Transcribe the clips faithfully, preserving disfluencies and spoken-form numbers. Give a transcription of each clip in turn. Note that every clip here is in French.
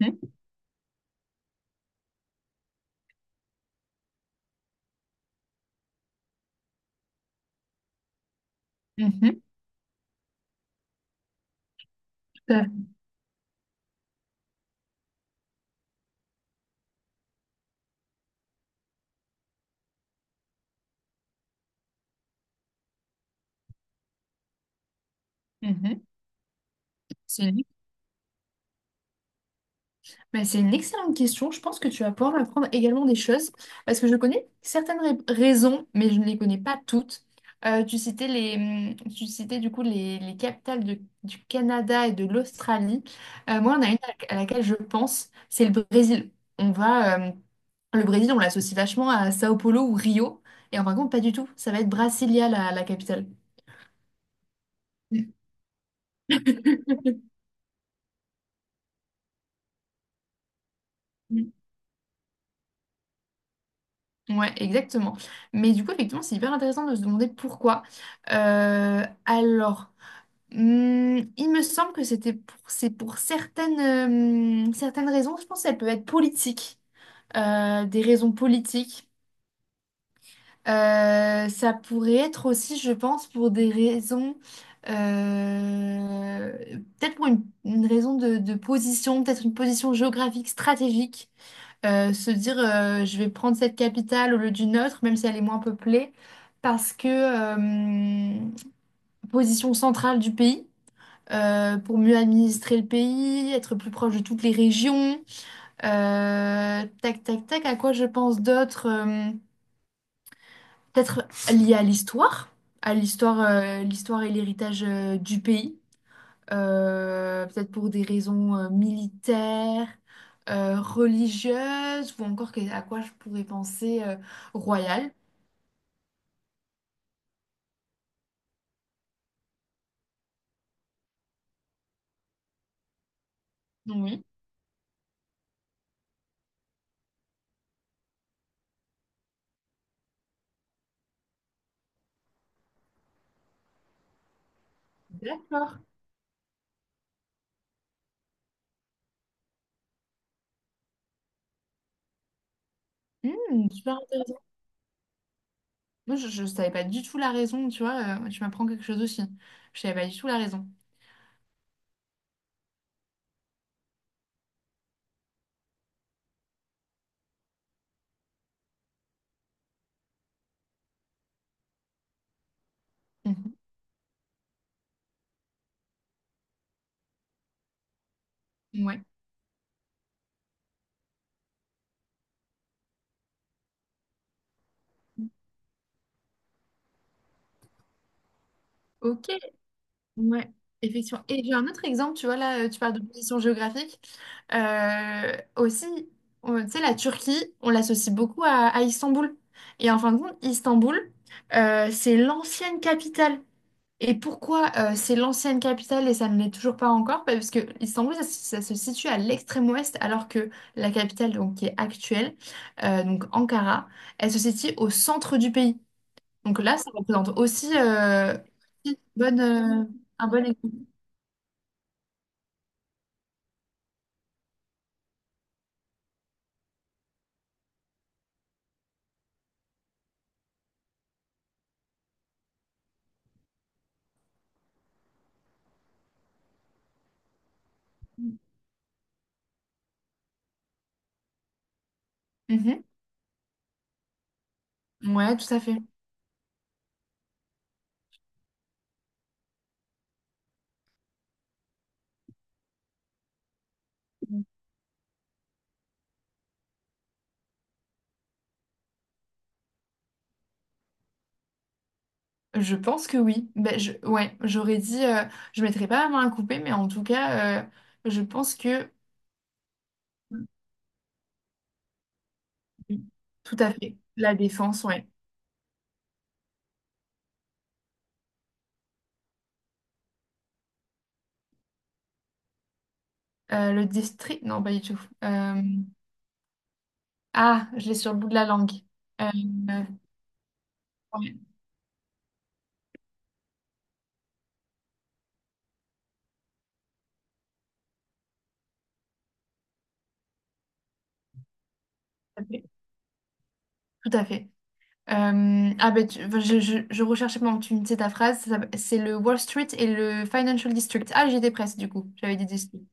Mhm, mhm, tout à fait. Mhm. C'est une... bah, c'est une excellente question. Je pense que tu vas pouvoir m'apprendre également des choses parce que je connais certaines ra- raisons, mais je ne les connais pas toutes. Euh, tu citais les, hum, tu citais du coup les, les capitales de- du Canada et de l'Australie. Euh, moi, on a une à à laquelle je pense, c'est le Brésil. On va, euh, le Brésil, on l'associe vachement à Sao Paulo ou Rio, et en fin de compte, pas du tout. Ça va être Brasilia, la la capitale. Ouais, exactement. Mais du coup, effectivement, c'est hyper intéressant de se demander pourquoi. Euh, alors, hum, il me semble que c'était pour, c'est pour certaines, hum, certaines raisons. Je pense qu'elles peuvent être politiques, euh, des raisons politiques. Euh, ça pourrait être aussi, je pense, pour des raisons, euh, peut-être pour une, une raison de, de position, peut-être une position géographique, stratégique. Euh, se dire euh, je vais prendre cette capitale au lieu d'une autre, même si elle est moins peuplée, parce que euh, position centrale du pays, euh, pour mieux administrer le pays, être plus proche de toutes les régions. Euh, tac, tac, tac, à quoi je pense d'autre? Euh, peut-être lié à l'histoire, à l'histoire, euh, l'histoire et l'héritage euh, du pays. Euh, peut-être pour des raisons euh, militaires, euh, religieuses, ou encore que- à quoi je pourrais penser euh, royal. Oui. D'accord. Hmm, super intéressant. Moi, je ne savais pas du tout la raison, tu vois, euh, tu m'apprends quelque chose aussi. Je savais pas du tout la raison. Mhm. Ouais. Ok. Ouais, effectivement. Et j'ai un autre exemple, tu vois, là, euh, tu parles de position géographique. Euh, aussi, on- tu sais, la Turquie, on l'associe beaucoup à, à Istanbul. Et en fin de compte, Istanbul, euh, c'est l'ancienne capitale. Et pourquoi euh, c'est l'ancienne capitale et ça ne l'est toujours pas encore? Bah, parce que Istanbul, ça, se ça se situe à l'extrême ouest, alors que la capitale, donc, qui est actuelle, euh, donc Ankara, elle se situe au centre du pays. Donc là, ça représente aussi euh, une bonne... euh, Mhm. Ouais, tout à fait. Je pense que oui. Ben, je, ouais, j'aurais dit, euh, je mettrais pas la main à couper, mais en tout cas, euh, je pense que oui, tout à fait. La défense, ouais. Euh, le district, non, pas du tout. Euh, ah, je l'ai sur le bout de la langue. Euh, ouais, tout à fait. Tout à fait. Euh, ah ben, tu- enfin, je, je, je recherchais pendant que tu me disais ta phrase. Ça s'appelle- C'est le Wall Street et le Financial District. Ah, j'étais presque du coup. J'avais dit district.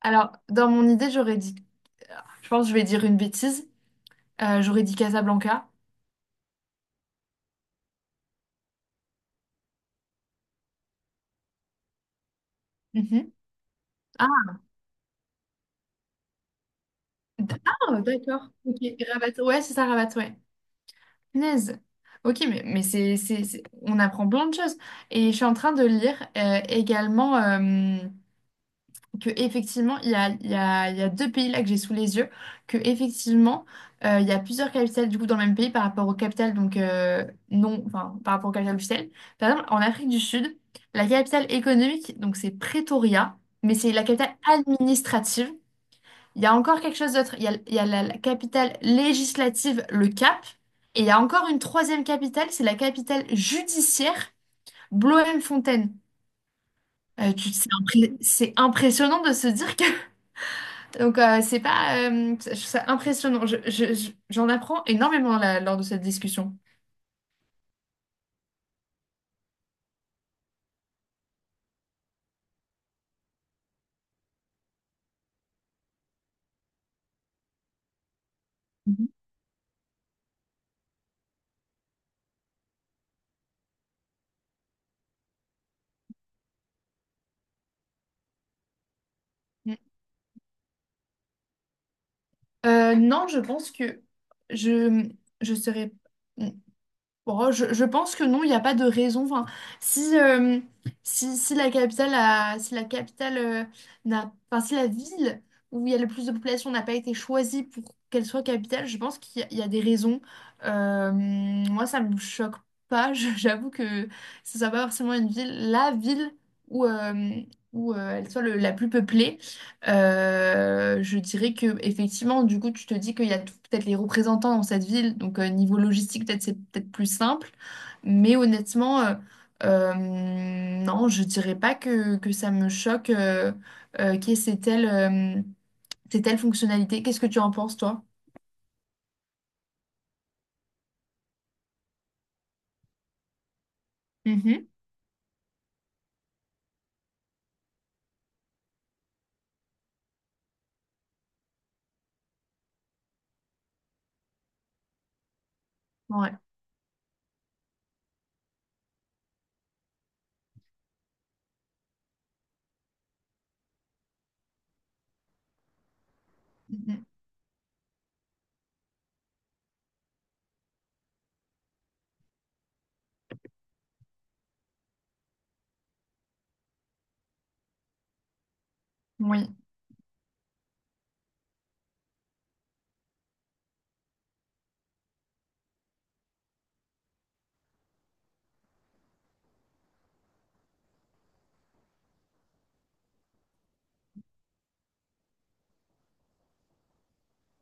Alors, dans mon idée, j'aurais dit Je pense que je vais dire une bêtise. Euh, j'aurais dit Casablanca. Mhm. Ah, d- ah, d'accord. Ok, Rabat. Ouais, c'est ça, Rabat, ouais. Punaise. Ok, mais, mais c'est, c'est, c'est- on apprend plein de choses. Et je suis en train de lire euh, également. Euh, que effectivement il y a, il y a- il y a deux pays là que j'ai sous les yeux que effectivement euh, il y a plusieurs capitales du coup dans le même pays par rapport aux capitales donc euh, non enfin par rapport aux capitales officielles par exemple en Afrique du Sud la capitale économique donc c'est Pretoria mais c'est la capitale administrative il y a encore quelque chose d'autre il y a, il y a la, la capitale législative le Cap et il y a encore une troisième capitale c'est la capitale judiciaire Bloemfontein. Euh, tu- c'est impré- c'est impressionnant de se dire donc, euh, c'est pas. Euh, je trouve ça impressionnant. Je- je- je- j'en apprends énormément là, lors de cette discussion. Mhm. Euh, non, je pense que je, je serais. Bon, je, je pense que non, il n'y a pas de raison. Enfin, si, euh, si, si la capitale a- si la capitale euh, n'a, enfin, si la ville où il y a le plus de population n'a pas été choisie pour qu'elle soit capitale, je pense qu'il y, a il y a des raisons. Euh, moi, ça me choque pas. Je- J'avoue que ce soit pas forcément une ville, la ville où, euh, où euh, elle soit le- la plus peuplée. Euh, je dirais que effectivement, du coup, tu te dis qu'il y a tout- peut-être les représentants dans cette ville, donc euh, niveau logistique, peut-être c'est peut-être plus simple. Mais honnêtement, euh, euh, non, je dirais pas que, que ça me choque euh, euh, qu'il y ait ces telles, euh, ces telles fonctionnalités. Qu'est-ce que tu en penses, toi? Mhm. Ouais. Mhm. Oui.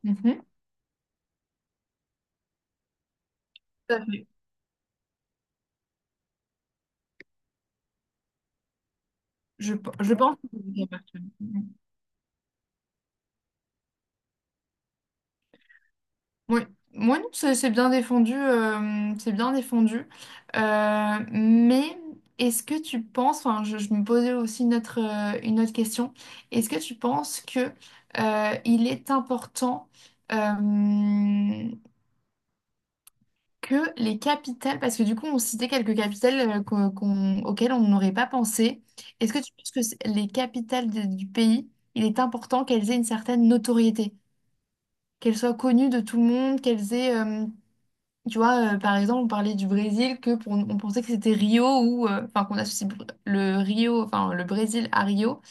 Mhm. Tout à fait. Je, p- je pense que c'est bien perçu. Oui, moi non, c'est c'est bien défendu, euh, c'est bien défendu. Euh, mais est-ce que tu penses, enfin, je, je me posais aussi une autre, euh, une autre question, est-ce que tu penses que euh, il est important euh, que les capitales, parce que du coup on citait quelques capitales euh, qu'on- qu'on- auxquelles on n'aurait pas pensé, est-ce que tu penses que c'est- les capitales de- du pays, il est important qu'elles aient une certaine notoriété, qu'elles soient connues de tout le monde, qu'elles aient euh, tu vois, euh, par exemple, on parlait du Brésil, que pour, on pensait que c'était Rio ou euh, enfin qu'on associe br- le Rio, enfin le Brésil à Rio,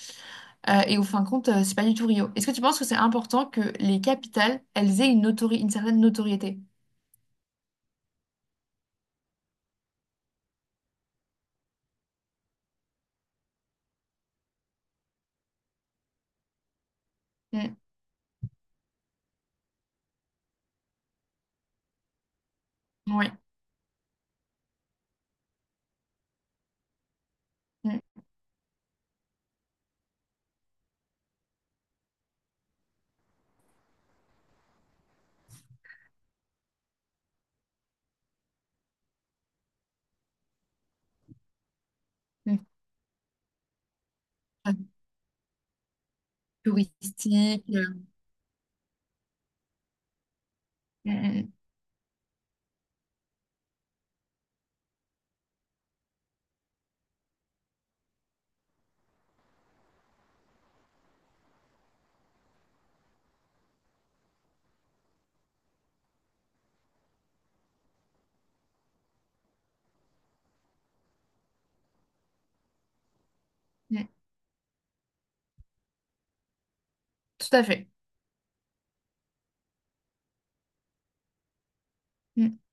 euh, et au fin de compte, euh, c'est pas du tout Rio. Est-ce que tu penses que c'est important que les capitales, elles aient une notori- une certaine notoriété? Mm. Oui. Mm. Mm. Touristique. Euh, mm, mm, mm. Tout à fait. Mm.